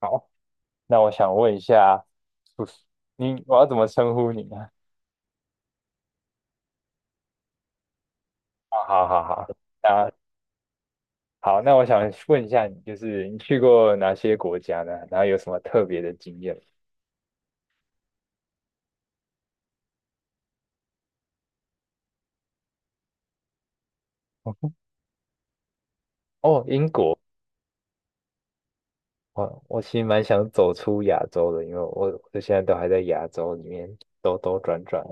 好，那我想问一下，不是你，我要怎么称呼你呢？好好好好，啊，好，那我想问一下你，就是你去过哪些国家呢？然后有什么特别的经验？哦，英国，我其实蛮想走出亚洲的，因为我现在都还在亚洲里面兜兜转转，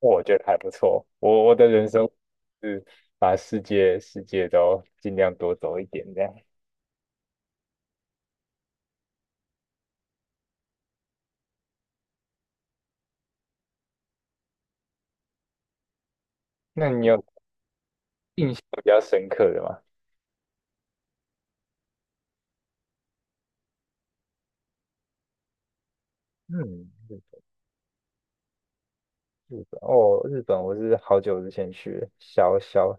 我觉得还不错。我的人生是把世界都尽量多走一点这样。那你有印象比较深刻的吗？嗯，日本哦，日本我是好久之前去的，小小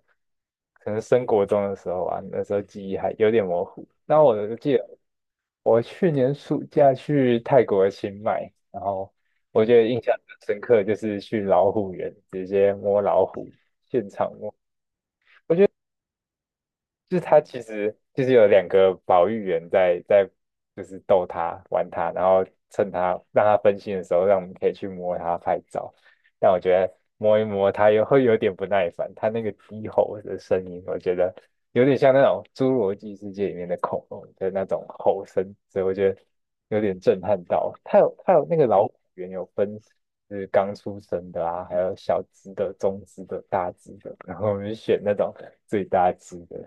可能升国中的时候啊，那时候记忆还有点模糊。那我记得我去年暑假去泰国的清迈，然后我觉得印象很深刻就是去老虎园，直接摸老虎，现场。摸。就是他其实就是有2个保育员在就是逗他玩他，然后趁他让他分心的时候，让我们可以去摸他拍照。但我觉得摸一摸他也会有点不耐烦，他那个低吼的声音，我觉得有点像那种侏罗纪世界里面的恐龙的那种吼声，所以我觉得有点震撼到。他有那个老虎园有分。就是刚出生的啊，还有小只的、中只的、大只的，然后我们就选那种最大只的，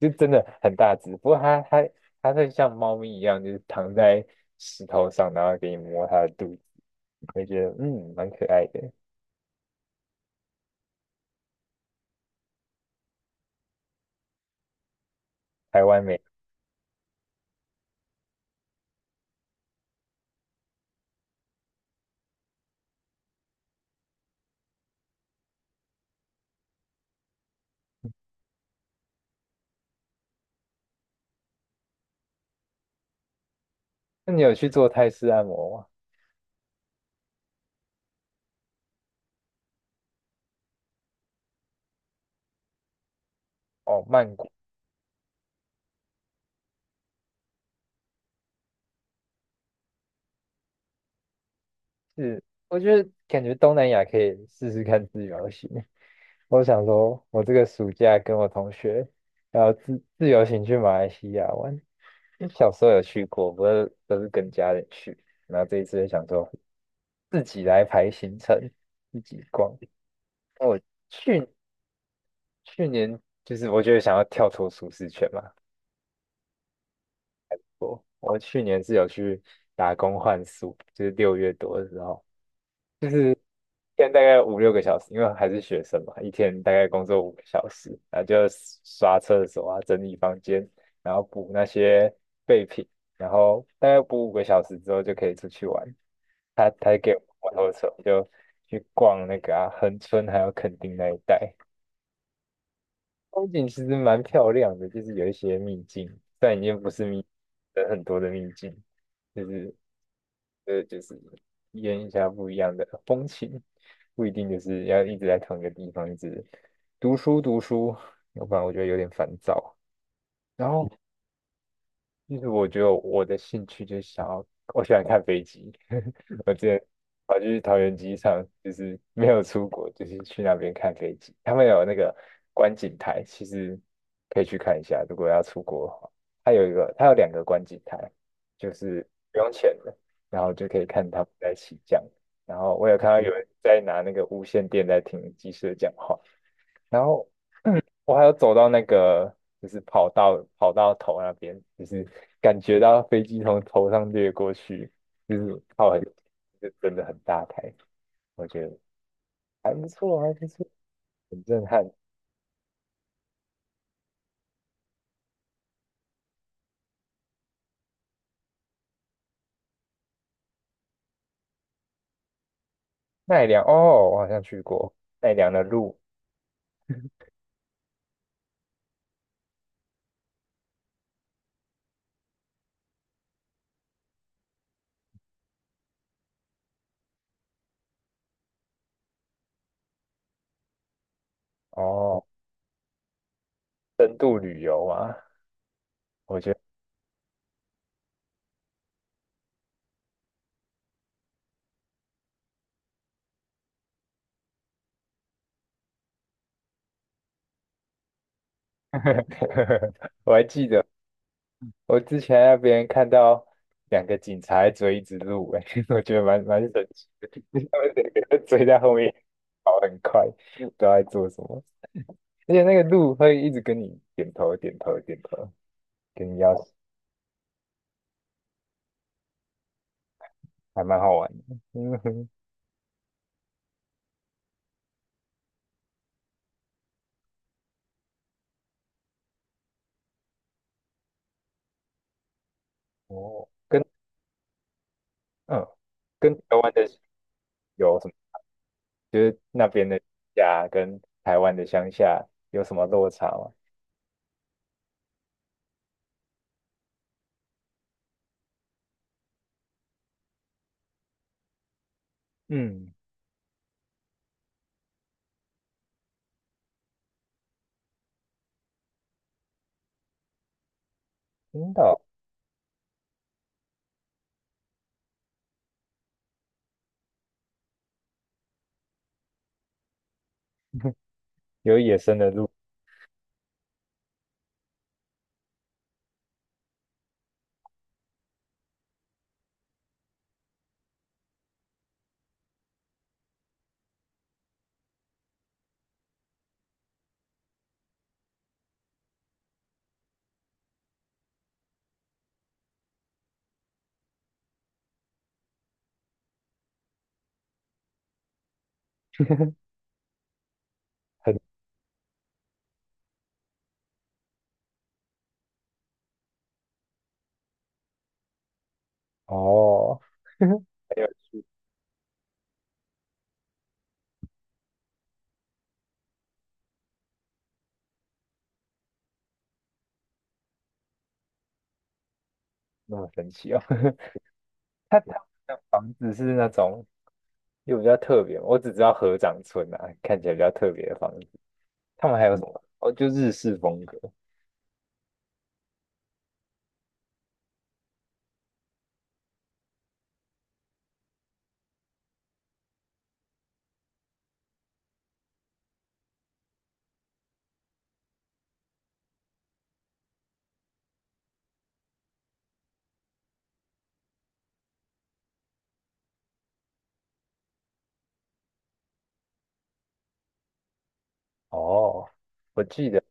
就真的很大只。不过它会像猫咪一样，就是躺在石头上，然后给你摸它的肚子，会觉得嗯蛮可爱的。台湾没有，那你有去做泰式按摩吗？哦，曼谷是，我觉得感觉东南亚可以试试看自由行。我想说，我这个暑假跟我同学要自由行去马来西亚玩。因为小时候有去过，不是都是跟家人去，然后这一次就想说趁自己逛。去去年就是我觉得想要跳脱舒适圈嘛，我去年是有去打工换宿，就是6月多的时候，一天大概五六个小时，因为还是学生嘛，一天大概工作五个小时，然后就刷厕所啊，整理房间，然后补那些备品，然后大概补五个小时之后就可以出去玩。他他给我摩托车，就去逛那个啊，恒春还有垦丁那一带，风景其实蛮漂亮的，就是有一些秘境，但已经不是秘，很多的秘境，就是就是体验一下不一样的风情，不一定就是要一直在同一个地方，一直读书读书，要不然我觉得有点烦躁。然后其实我觉得我的兴趣就是想要，我喜欢看飞机。我之前跑去桃园机场，就是没有出国，就是去那边看飞机。他们有那个观景台，其实可以去看一下。如果要出国的话，它有一个，它有2个观景台，就是不用钱的，然后就可以看他们在起降。然后我有看到有人在拿那个无线电在听机师讲话。然后。我还有走到那个就是跑道头那边，就是感觉到飞机从头上掠过去，就是靠很，就真的很大台，我觉得还不错，还不错，很震撼。奈良哦，我好像去过奈良的鹿哦，深度旅游啊，我觉得 我还记得。我之前让别人看到两个警察在追一只鹿、哎，我觉得蛮神奇的，他们两个在追在后面跑很快，不知道在做什么，而且那个鹿会一直跟你点头点头点头，跟你要还蛮好玩的。嗯哼，哦，跟嗯跟台湾的有什么？就是那边的家跟台湾的乡下有什么落差吗？嗯，真的哦 有野生的鹿，很哦，很有趣。那么神奇哦。它它的房子是那种又比较特别，我只知道合掌村啊，看起来比较特别的房子。他们还有什么？哦，就日式风格。哦，我记得。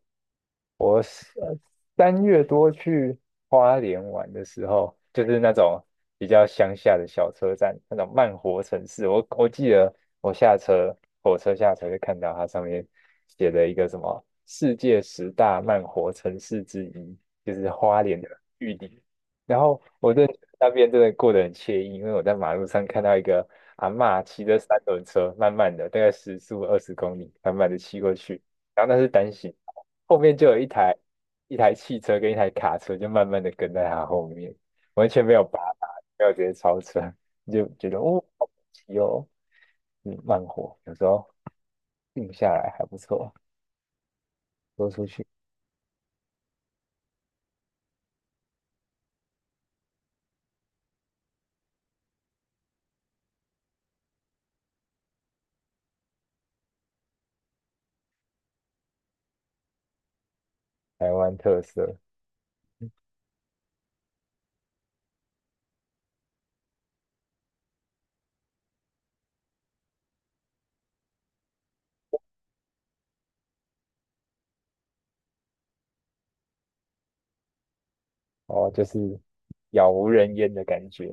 我是3月多去花莲玩的时候，就是那种比较乡下的小车站，那种慢活城市。我我记得我下车，火车下车就看到它上面写的一个什么世界十大慢活城市之一，就是花莲的玉里。然后我在 那边真的过得很惬意，因为我在马路上看到一个阿嬷骑着三轮车，慢慢的，大概时速20公里，慢慢的骑过去。然后那是单行道，后面就有一台汽车跟一台卡车，就慢慢的跟在他后面，完全没有拔他，没有直接超车，你就觉得哦，好神奇哦，嗯，慢火，有时候定下来还不错，说出去台湾特色哦，就是杳无人烟的感觉，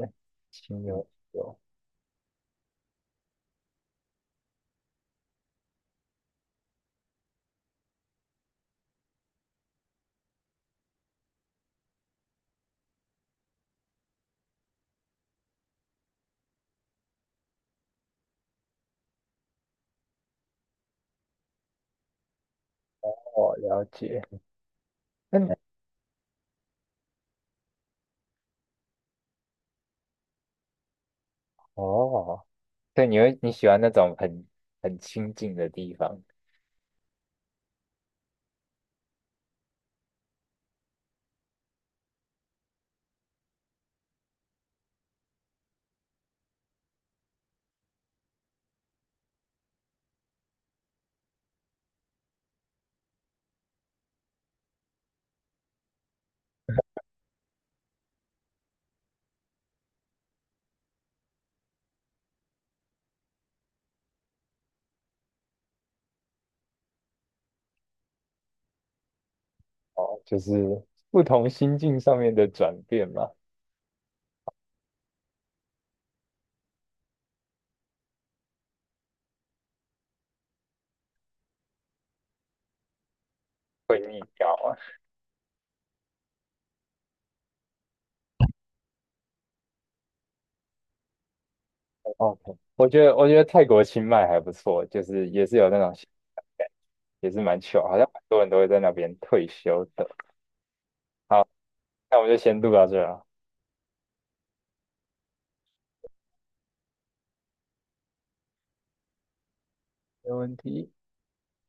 清幽有哦，了解，嗯，哦，对，你会你喜欢那种很很清静的地方哦，就是不同心境上面的转变嘛。会腻掉啊。OK，我觉得我觉得泰国清迈还不错，就是也是有那种也是蛮 c 好像很多人都会在那边退休的。好，那我们就先录到这了。没问题。